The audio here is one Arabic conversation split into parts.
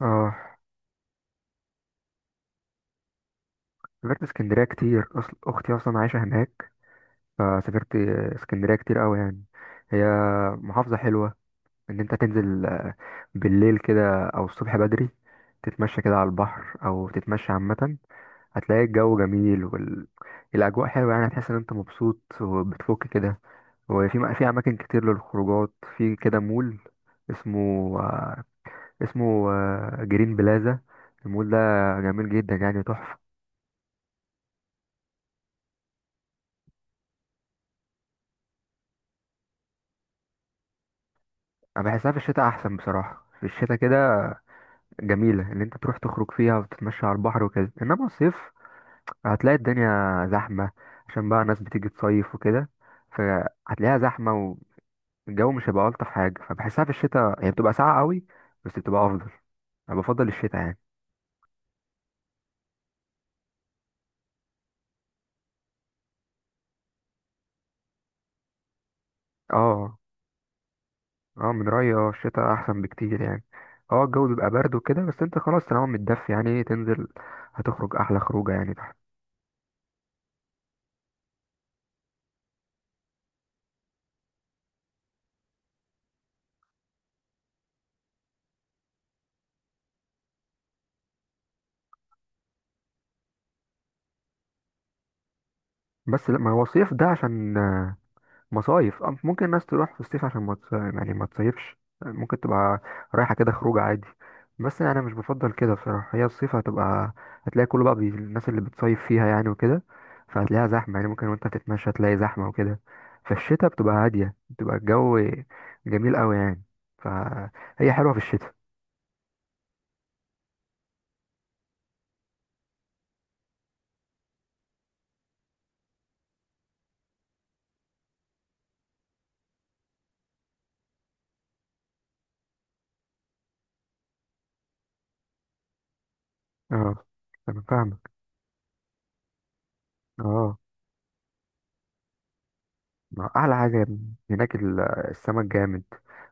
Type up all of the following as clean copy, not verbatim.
اه. سافرت اسكندرية كتير، أصل أختي أصلا عايشة هناك، فسافرت اسكندرية كتير أوي يعني. هي محافظة حلوة، إن أنت تنزل بالليل كده أو الصبح بدري تتمشى كده على البحر أو تتمشى عامة، هتلاقي الجو جميل والأجواء حلوة، يعني هتحس إن أنت مبسوط وبتفك كده. وفي في أماكن كتير للخروجات، في كده مول اسمه آه، اسمه جرين بلازا. المول ده جميل جدا يعني تحفة. انا بحسها في الشتاء احسن بصراحه، في الشتاء كده جميله ان انت تروح تخرج فيها وتتمشى على البحر وكده، انما الصيف هتلاقي الدنيا زحمه عشان بقى ناس بتيجي تصيف وكده، فهتلاقيها زحمه والجو مش هيبقى الطف حاجه. فبحسها في الشتاء، هي بتبقى ساقعه قوي بس بتبقى افضل، انا بفضل الشتاء يعني. اه. اه. من رايي، اه، الشتاء احسن بكتير يعني. اه، الجو بيبقى برد وكده، بس انت خلاص طالما متدفي يعني تنزل، هتخرج احلى خروجه يعني تحت. بس لا، ما هو صيف ده عشان مصايف، ممكن الناس تروح في الصيف عشان ما تص- يعني ما تصيفش، ممكن تبقى رايحة كده خروج عادي. بس يعني أنا مش بفضل كده بصراحة، هي الصيف هتبقى، هتلاقي كله بقى الناس اللي بتصيف فيها يعني وكده، فهتلاقيها زحمة يعني، ممكن وانت تتمشى تلاقي زحمة وكده. في الشتاء بتبقى هادية، بتبقى الجو جميل قوي يعني، فهي حلوة في الشتاء. اه، انا فاهمك. اه. ما احلى حاجة هناك، السمك جامد.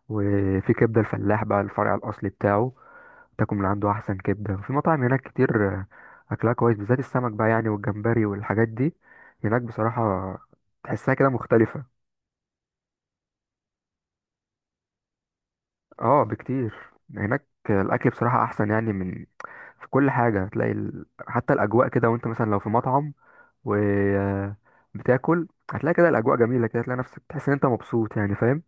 وفي كبدة الفلاح بقى، الفرع الأصلي بتاعه، تاكل من عنده احسن كبده. في مطاعم هناك كتير. اكلها كويس بالذات السمك بقى يعني، والجمبري والحاجات دي هناك بصراحه تحسها كده مختلفه. اه، بكتير. هناك الاكل بصراحه احسن يعني، من في كل حاجه هتلاقي حتى الاجواء كده، وانت مثلا لو في مطعم و بتاكل هتلاقي كده الاجواء جميله كده، هتلاقي نفسك تحس ان انت مبسوط يعني، فاهم.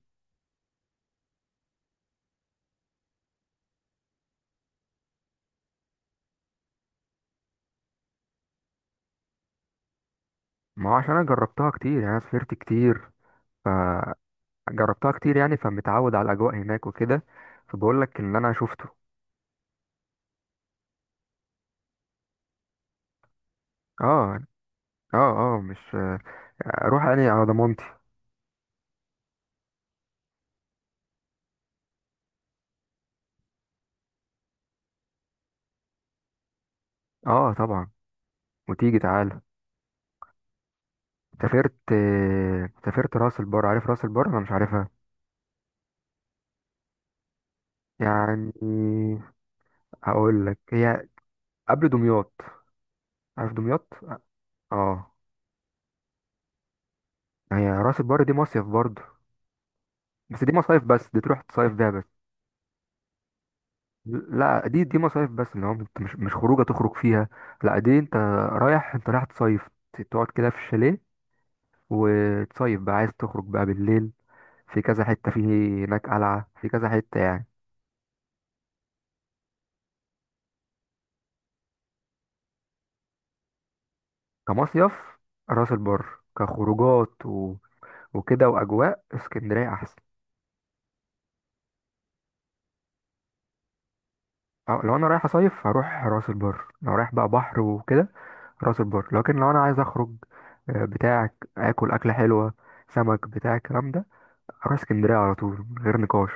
ما هو عشان انا جربتها كتير يعني، انا سافرت كتير فجربتها كتير يعني، فمتعود على الاجواء هناك وكده، فبقول لك ان انا شفته. اه. اه. اه، مش اروح اني على ضمانتي. اه، طبعا. وتيجي تعالى. سافرت. سافرت راس البر، عارف راس البر؟ انا مش عارفها. يعني هقول لك، هي قبل دمياط، عارف دمياط؟ اه. هي راس البر دي مصيف برضه، بس دي مصايف بس، دي تروح تصيف بيها بس. لا، دي مصايف بس، اللي هو انت مش خروجه تخرج فيها. لا، دي انت رايح تصيف، تقعد كده في الشاليه وتصيف بقى. عايز تخرج بقى بالليل، في كذا حتة، فيه هناك قلعة، في كذا حتة يعني. كمصيف، راس البر. كخروجات وكده وأجواء، اسكندرية أحسن. أه، لو أنا رايح أصيف هروح راس البر، لو رايح بقى بحر وكده راس البر. لكن لو أنا عايز أخرج، بتاعك آكل أكلة حلوة سمك بتاع الكلام ده، أروح اسكندرية على طول من غير نقاش.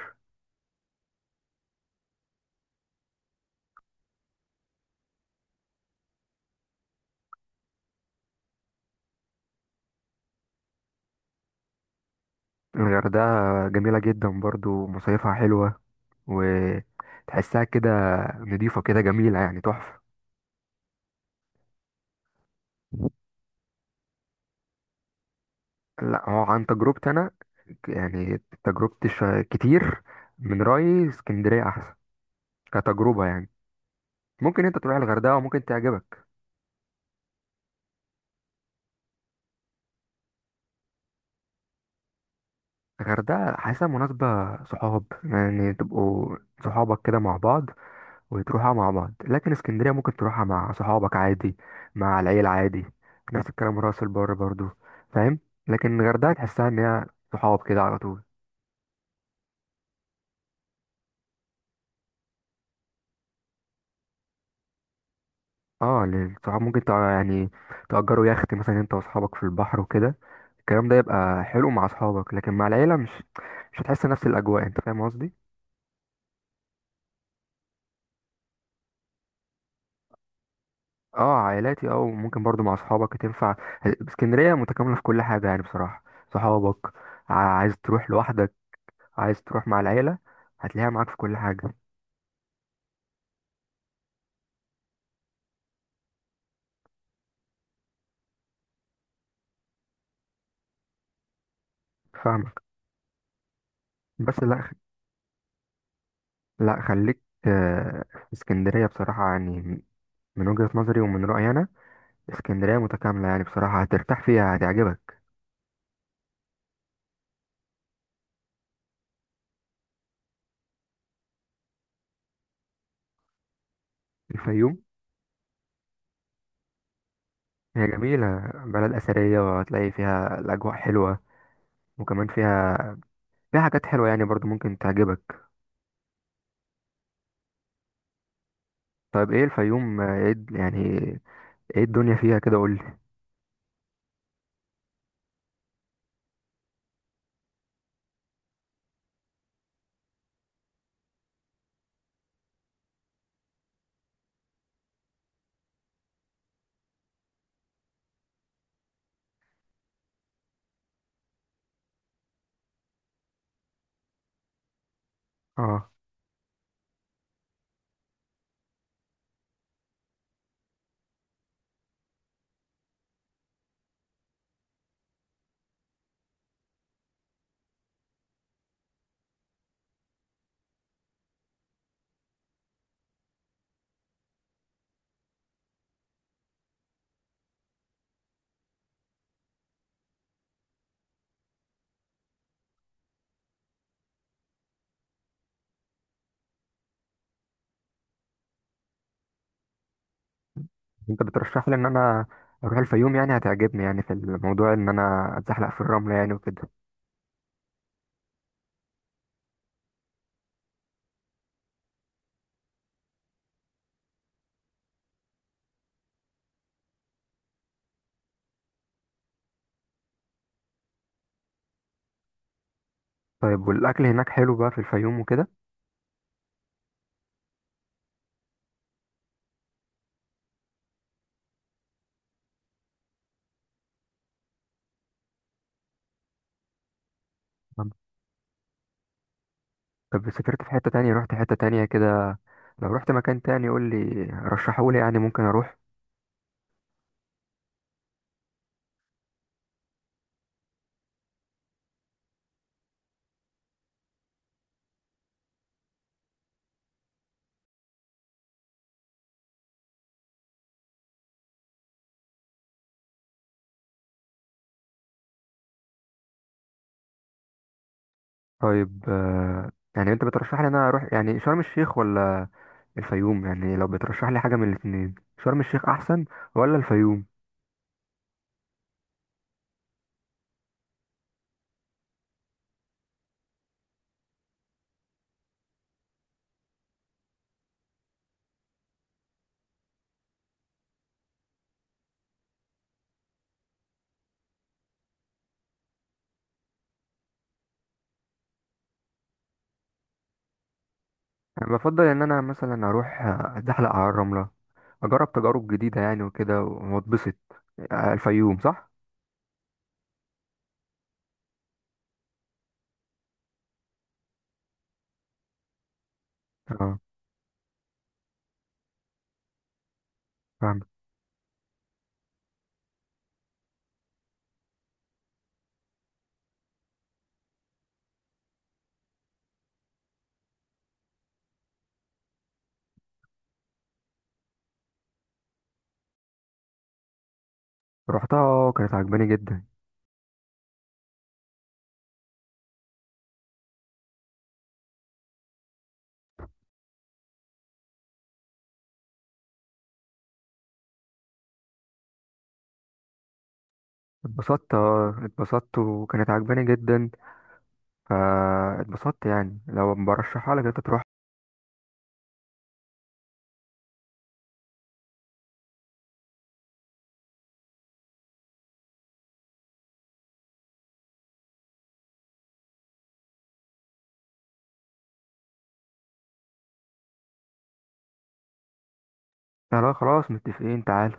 الغردقة جميلة جدا برضو، مصيفها حلوة، وتحسها كده نضيفة كده جميلة يعني تحفة. لا، هو عن تجربتي انا يعني تجربتي كتير، من رأيي اسكندرية احسن كتجربة يعني. ممكن انت تروح الغردقة وممكن تعجبك. الغردقة حاسة مناسبة صحاب، يعني تبقوا صحابك كده مع بعض وتروحها مع بعض. لكن اسكندرية ممكن تروحها مع صحابك عادي، مع العيلة عادي، نفس الكلام راس البر برضو، فاهم. لكن الغردقة تحسها ان هي صحاب كده على طول. اه، للصحاب ممكن يعني تأجروا يخت مثلا انت واصحابك في البحر وكده، الكلام ده يبقى حلو مع اصحابك. لكن مع العيلة، مش هتحس نفس الاجواء، انت فاهم قصدي. اه، عائلاتي، اه، وممكن برضو مع اصحابك تنفع، اسكندرية متكاملة في كل حاجة يعني بصراحة. صحابك، عايز تروح لوحدك، عايز تروح مع العيلة، هتلاقيها معاك في كل حاجة. فاهمك، بس لا خليك. في اسكندرية بصراحة يعني، من وجهة نظري ومن رأيي انا اسكندرية متكاملة يعني بصراحة، هترتاح فيها هتعجبك. الفيوم، هي جميلة بلد أثرية، وهتلاقي فيها الأجواء حلوة، وكمان فيها حاجات حلوة يعني، برضو ممكن تعجبك. طيب، ايه الفيوم؟ ايه يعني ايه الدنيا فيها كده؟ قولي. اه، انت بترشح لي ان انا اروح الفيوم يعني، هتعجبني يعني في الموضوع ان انا اتزحلق في الرملة يعني وكده. طيب، والاكل هناك حلو بقى في الفيوم وكده؟ طب، طب، سافرت في حتة تانية؟ رحت حتة تانية كده؟ لو رحت مكان تاني قول لي، رشحولي يعني ممكن اروح. طيب، يعني انت بترشح لي ان انا اروح يعني شرم الشيخ ولا الفيوم؟ يعني لو بترشح لي حاجة من الاتنين، شرم الشيخ أحسن ولا الفيوم؟ أنا بفضل إن أنا مثلا أروح أتزحلق على الرملة، أجرب تجارب جديدة يعني وكده وأتبسط. الفيوم صح؟ اه، فاهم. رحتها، كانت عجباني جدا. اتبسطت، اتبسطت وكانت عجباني جدا. فا اتبسطت يعني، لو برشحها لك انت تروح. لا، لا، خلاص متفقين، تعال.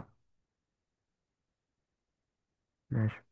ماشي.